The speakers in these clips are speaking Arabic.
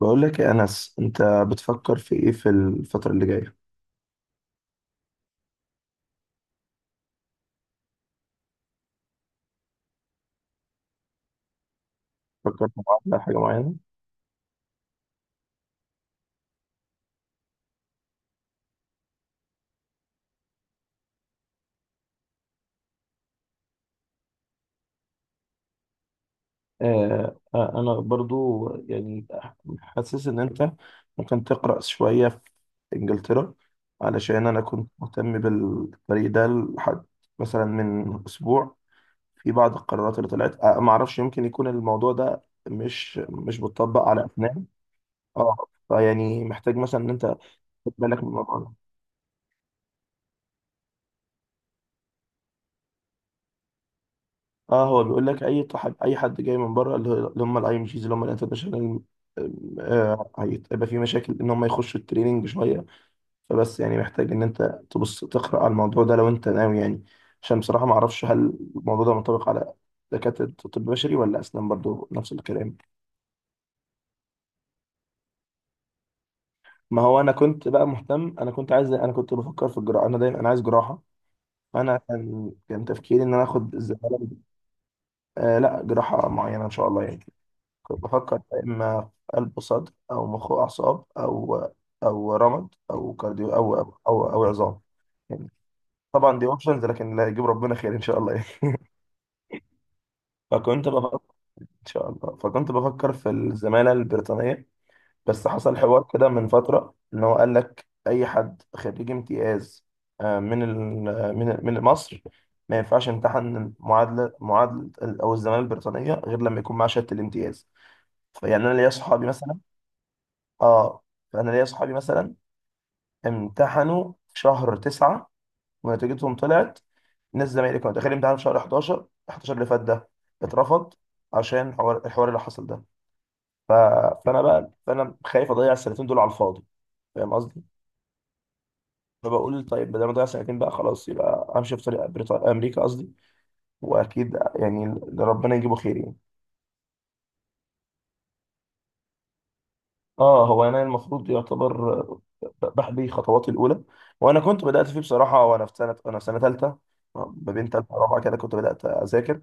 بقول لك يا أنس، أنت بتفكر في إيه في الفترة اللي جاية؟ فكرت في معادلة حاجة معينة؟ آه آه، أنا برضو يعني حاسس إن أنت ممكن تقرأ شوية في إنجلترا، علشان أنا كنت مهتم بالطريق ده لحد مثلا من أسبوع. في بعض القرارات اللي طلعت معرفش، يمكن يكون الموضوع ده مش بتطبق على أفنان. أه، فيعني محتاج مثلا إن أنت تاخد بالك من الموضوع ده. اه، هو بيقول لك اي طحب اي حد جاي من بره، اللي هم الاي ام جيز، اللي هم الانترناشونال، هيبقى في مشاكل ان هم يخشوا التريننج شويه. فبس يعني محتاج ان انت تبص تقرا على الموضوع ده لو انت ناوي يعني. عشان بصراحه ما اعرفش هل الموضوع ده منطبق على دكاتره طب بشري ولا اسنان برضو نفس الكلام. ما هو انا كنت بقى مهتم، انا كنت عايز، انا كنت بفكر في الجراحه، انا دايما انا عايز جراحه. فانا كان تفكيري ان انا اخد الزماله. آه لا، جراحه معينه ان شاء الله يعني. كنت بفكر يا إما في قلب وصدر، أو مخ وأعصاب، أو رمد، أو كارديو، أو عظام يعني. طبعا دي اوبشنز، لكن لا، يجيب ربنا خير إن شاء الله يعني. فكنت بفكر إن شاء الله، فكنت بفكر في الزمالة البريطانية. بس حصل حوار كده من فترة إن هو قال لك أي حد خريج امتياز، من ال- من من مصر، ما ينفعش يمتحن معادلة أو الزمالة البريطانية غير لما يكون معاه شهادة الامتياز. فيعني أنا ليا صحابي مثلا. اه، فانا ليا صحابي مثلا امتحنوا في شهر 9 ونتيجتهم طلعت. ناس زمايلي كانوا داخلين امتحان في شهر 11 اللي فات ده اترفض، عشان الحوار اللي حصل ده. ف... فانا بقى، فانا خايف اضيع السنتين دول على الفاضي، فاهم قصدي؟ فبقول طيب، بدل ما اضيع سنتين بقى خلاص، يبقى امشي في طريق امريكا قصدي. واكيد يعني اللي ربنا يجيبه خير يعني. اه، هو انا المفروض يعتبر بحبي خطواتي الاولى، وانا كنت بدات فيه بصراحه. وانا في سنه، ثالثه. ما بين ثالثه ورابعه كده كنت بدات اذاكر.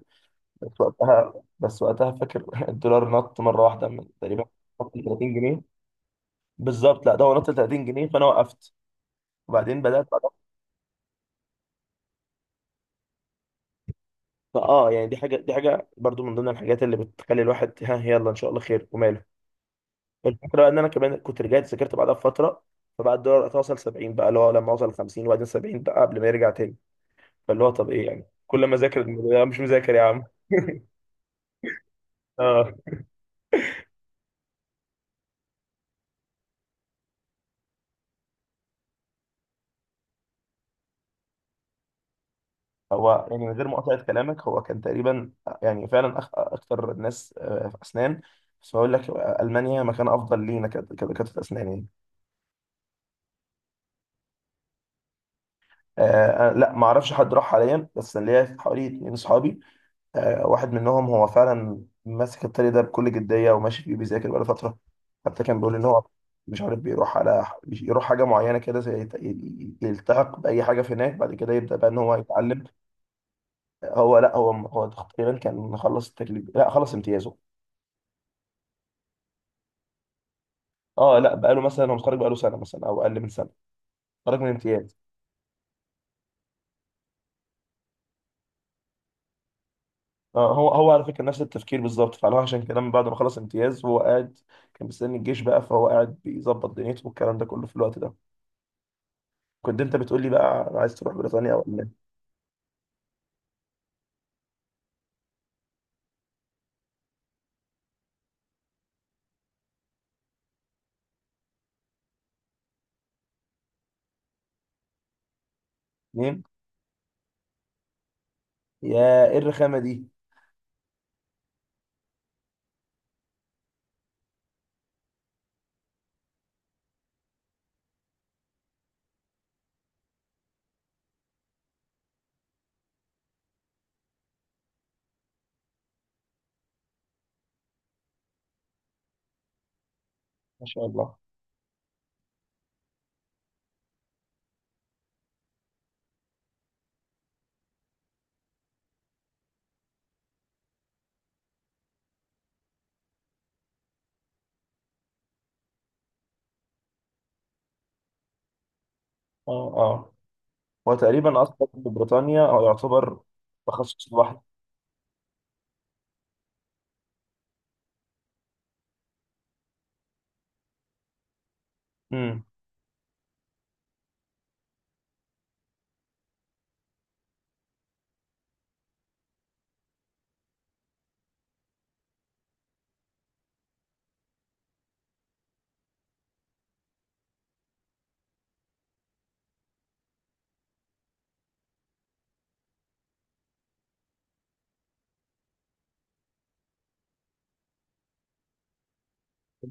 بس وقتها فاكر الدولار نط مره واحده من تقريبا، نط ل 30 جنيه. بالظبط، لا ده هو نط ل 30 جنيه فانا وقفت. وبعدين بدات اه، يعني دي حاجه، برضو من ضمن الحاجات اللي بتخلي الواحد ها، يلا ان شاء الله خير وماله. الفكره بقى ان انا كمان كنت رجعت ذاكرت بعدها بفتره، فبقى الدولار وقتها وصل 70 بقى، اللي هو لما وصل 50، وبعدين 70 بقى قبل ما يرجع تاني. فاللي هو طب ايه يعني، كل ما اذاكر. لا، مش مذاكر يا عم اه، هو يعني من غير مقاطعة كلامك، هو كان تقريبا، يعني فعلا، اكتر الناس في اسنان. بس بقول لك، المانيا مكان افضل لينا كدكاتره اسنان يعني. آه آه، لا ما اعرفش حد راح حاليا، بس ليا حوالي اتنين صحابي. آه، واحد منهم هو فعلا ماسك الطريق ده بكل جديه وماشي فيه بيذاكر بقاله فتره. حتى كان بيقول ان هو مش عارف بيروح يروح حاجه معينه كده، زي يلتحق باي حاجه في هناك، بعد كده يبدا بقى ان هو يتعلم. هو لا، هو تقريبا كان خلص التكليف، لا خلص امتيازه. اه لا، بقاله مثلا هو متخرج بقاله سنه مثلا او اقل من سنه، خرج من امتياز. آه، هو على فكره نفس التفكير بالظبط فعلا، عشان كده من بعد ما خلص امتياز هو قاعد. كان مستني الجيش بقى، فهو قاعد بيظبط دنيته والكلام ده كله في الوقت ده. كنت انت بتقول لي بقى انا عايز تروح بريطانيا او المانيا. اتنين. يا، ايه الرخامه دي! ما شاء الله. اه اه، هو تقريبا اصلا في بريطانيا هو يعتبر تخصص لوحده. امم.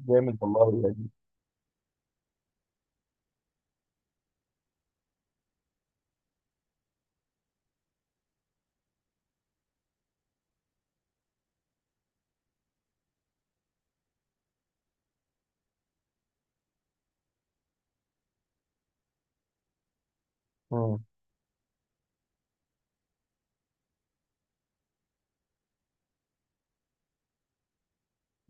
جامد والله يعني. مم.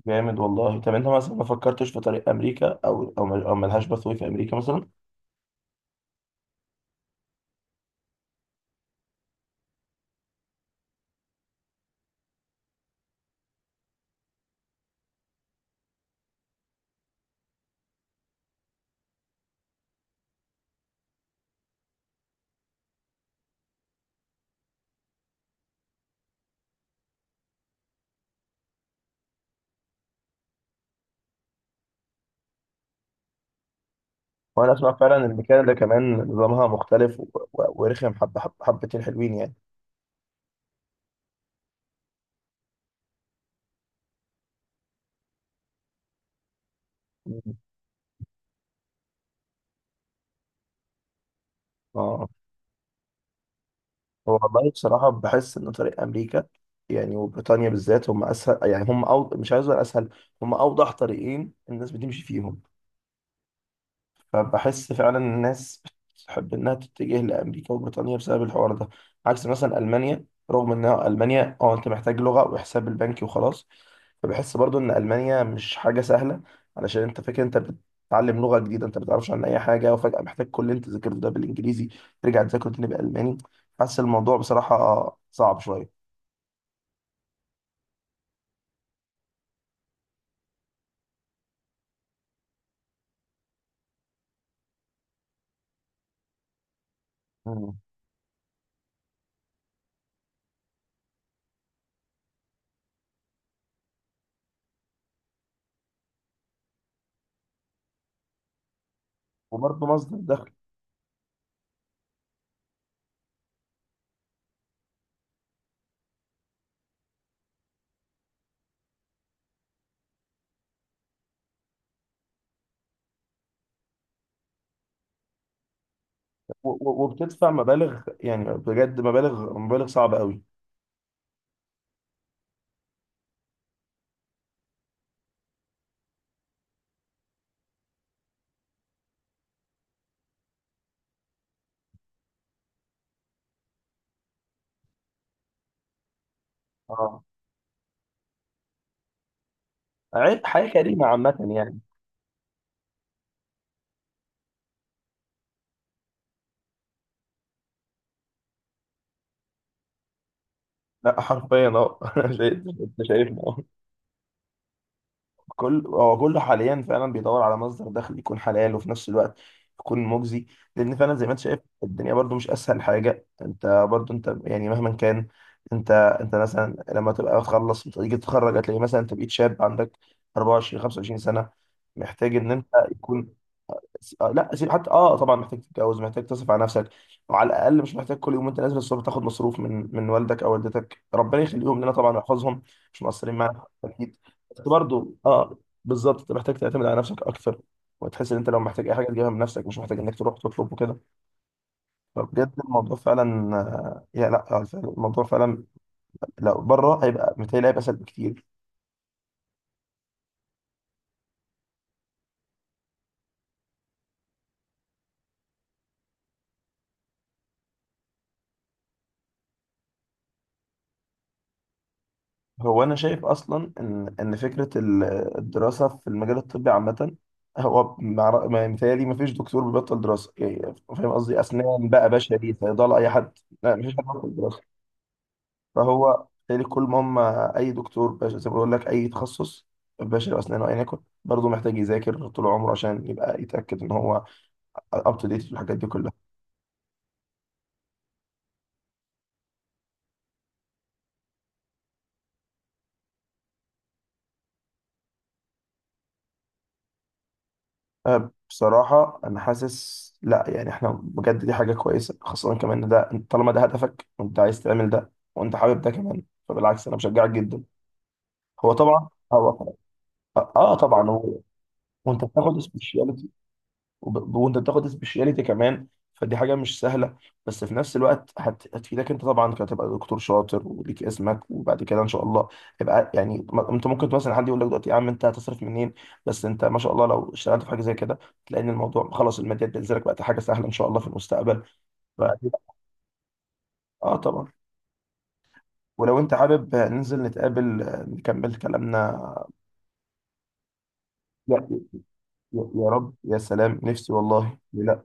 جامد والله. طب انت مثلا ما فكرتش في طريق امريكا، او او او ملهاش بثوي في امريكا مثلا؟ وانا اسمع فعلا ان كندا كمان نظامها مختلف، ورخم حبه، حبتين حلوين يعني. مم. اه، هو والله بصراحه بحس ان طريق امريكا، يعني وبريطانيا بالذات، هم اسهل يعني، هم مش عايز اقول اسهل، هم اوضح طريقين الناس بتمشي فيهم. فبحس فعلا الناس بتحب انها تتجه لامريكا وبريطانيا بسبب الحوار ده. عكس مثلا المانيا، رغم ان المانيا انت محتاج لغه وحساب البنكي وخلاص. فبحس برضو ان المانيا مش حاجه سهله، علشان انت فاكر انت بتتعلم لغه جديده، انت ما بتعرفش عن اي حاجه، وفجاه محتاج كل اللي انت ذاكرته ده بالانجليزي ترجع تذاكره تاني بالالماني. حاسس الموضوع بصراحه صعب شويه. مم. وبرضه مصدر دخل. وبتدفع مبالغ يعني بجد، مبالغ مبالغ صعبة قوي. اه. حياة كريمة عامة يعني. لا حرفيا اه انا شايف انت شايفني اه. كل هو كله حاليا فعلا بيدور على مصدر دخل يكون حلال وفي نفس الوقت يكون مجزي. لان فعلا زي ما انت شايف الدنيا برضو مش اسهل حاجه، انت برضو يعني مهما كان، انت انت مثلا لما تبقى تخلص تيجي تتخرج، هتلاقي مثلا انت بقيت شاب عندك 24 25 سنه، محتاج ان انت يكون. لا سيب، حتى طبعا محتاج تتجوز، محتاج تصرف على نفسك. وعلى الاقل مش محتاج كل يوم وانت نازل الصبح تاخد مصروف من والدك او والدتك، ربنا يخليهم لنا طبعا ويحفظهم، مش مقصرين معانا اكيد. بس برضه اه، بالظبط انت محتاج تعتمد على نفسك اكثر. وتحس ان انت لو محتاج اي حاجه تجيبها من نفسك، مش محتاج انك تروح تطلب وكده. فبجد الموضوع فعلا، آه، يا لا آه، فعلاً الموضوع فعلا لو بره هيبقى متهيألي هيبقى اسهل بكتير. هو انا شايف اصلا ان فكره الدراسه في المجال الطبي عامه، هو متهيألي ما فيش دكتور بيبطل دراسه، يعني فاهم قصدي، اسنان بقى، بشري، صيدله، اي حد. لا ما فيش حد بيبطل دراسه، فهو بالتالي كل ما هم، اي دكتور زي ما بقول لك اي تخصص، بشري واسنان وايا يكن، برضه محتاج يذاكر طول عمره عشان يبقى يتاكد ان هو اب تو ديت في الحاجات دي كلها. أه بصراحة أنا حاسس لأ، يعني إحنا بجد دي حاجة كويسة، خاصة كمان إن ده طالما ده هدفك وأنت عايز تعمل ده وأنت حابب ده كمان، فبالعكس أنا بشجعك جدا. هو طبعا هو، آه طبعا هو. وأنت بتاخد سبيشاليتي، وانت بتاخد سبيشاليتي كمان، فدي حاجه مش سهله. بس في نفس الوقت هتفيدك انت طبعا كتبقى دكتور شاطر وليك اسمك، وبعد كده ان شاء الله، يبقى يعني انت ممكن مثلا حد يقول لك دلوقتي يا عم، انت هتصرف منين؟ بس انت ما شاء الله لو اشتغلت في حاجه زي كده تلاقي ان الموضوع خلاص، الماديات بتنزلك، بقت حاجه سهله ان شاء الله في المستقبل. ف- اه طبعا. ولو انت حابب ننزل نتقابل، نكمل كلامنا. يا يا يا رب، يا سلام، نفسي والله. لا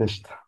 قشطة.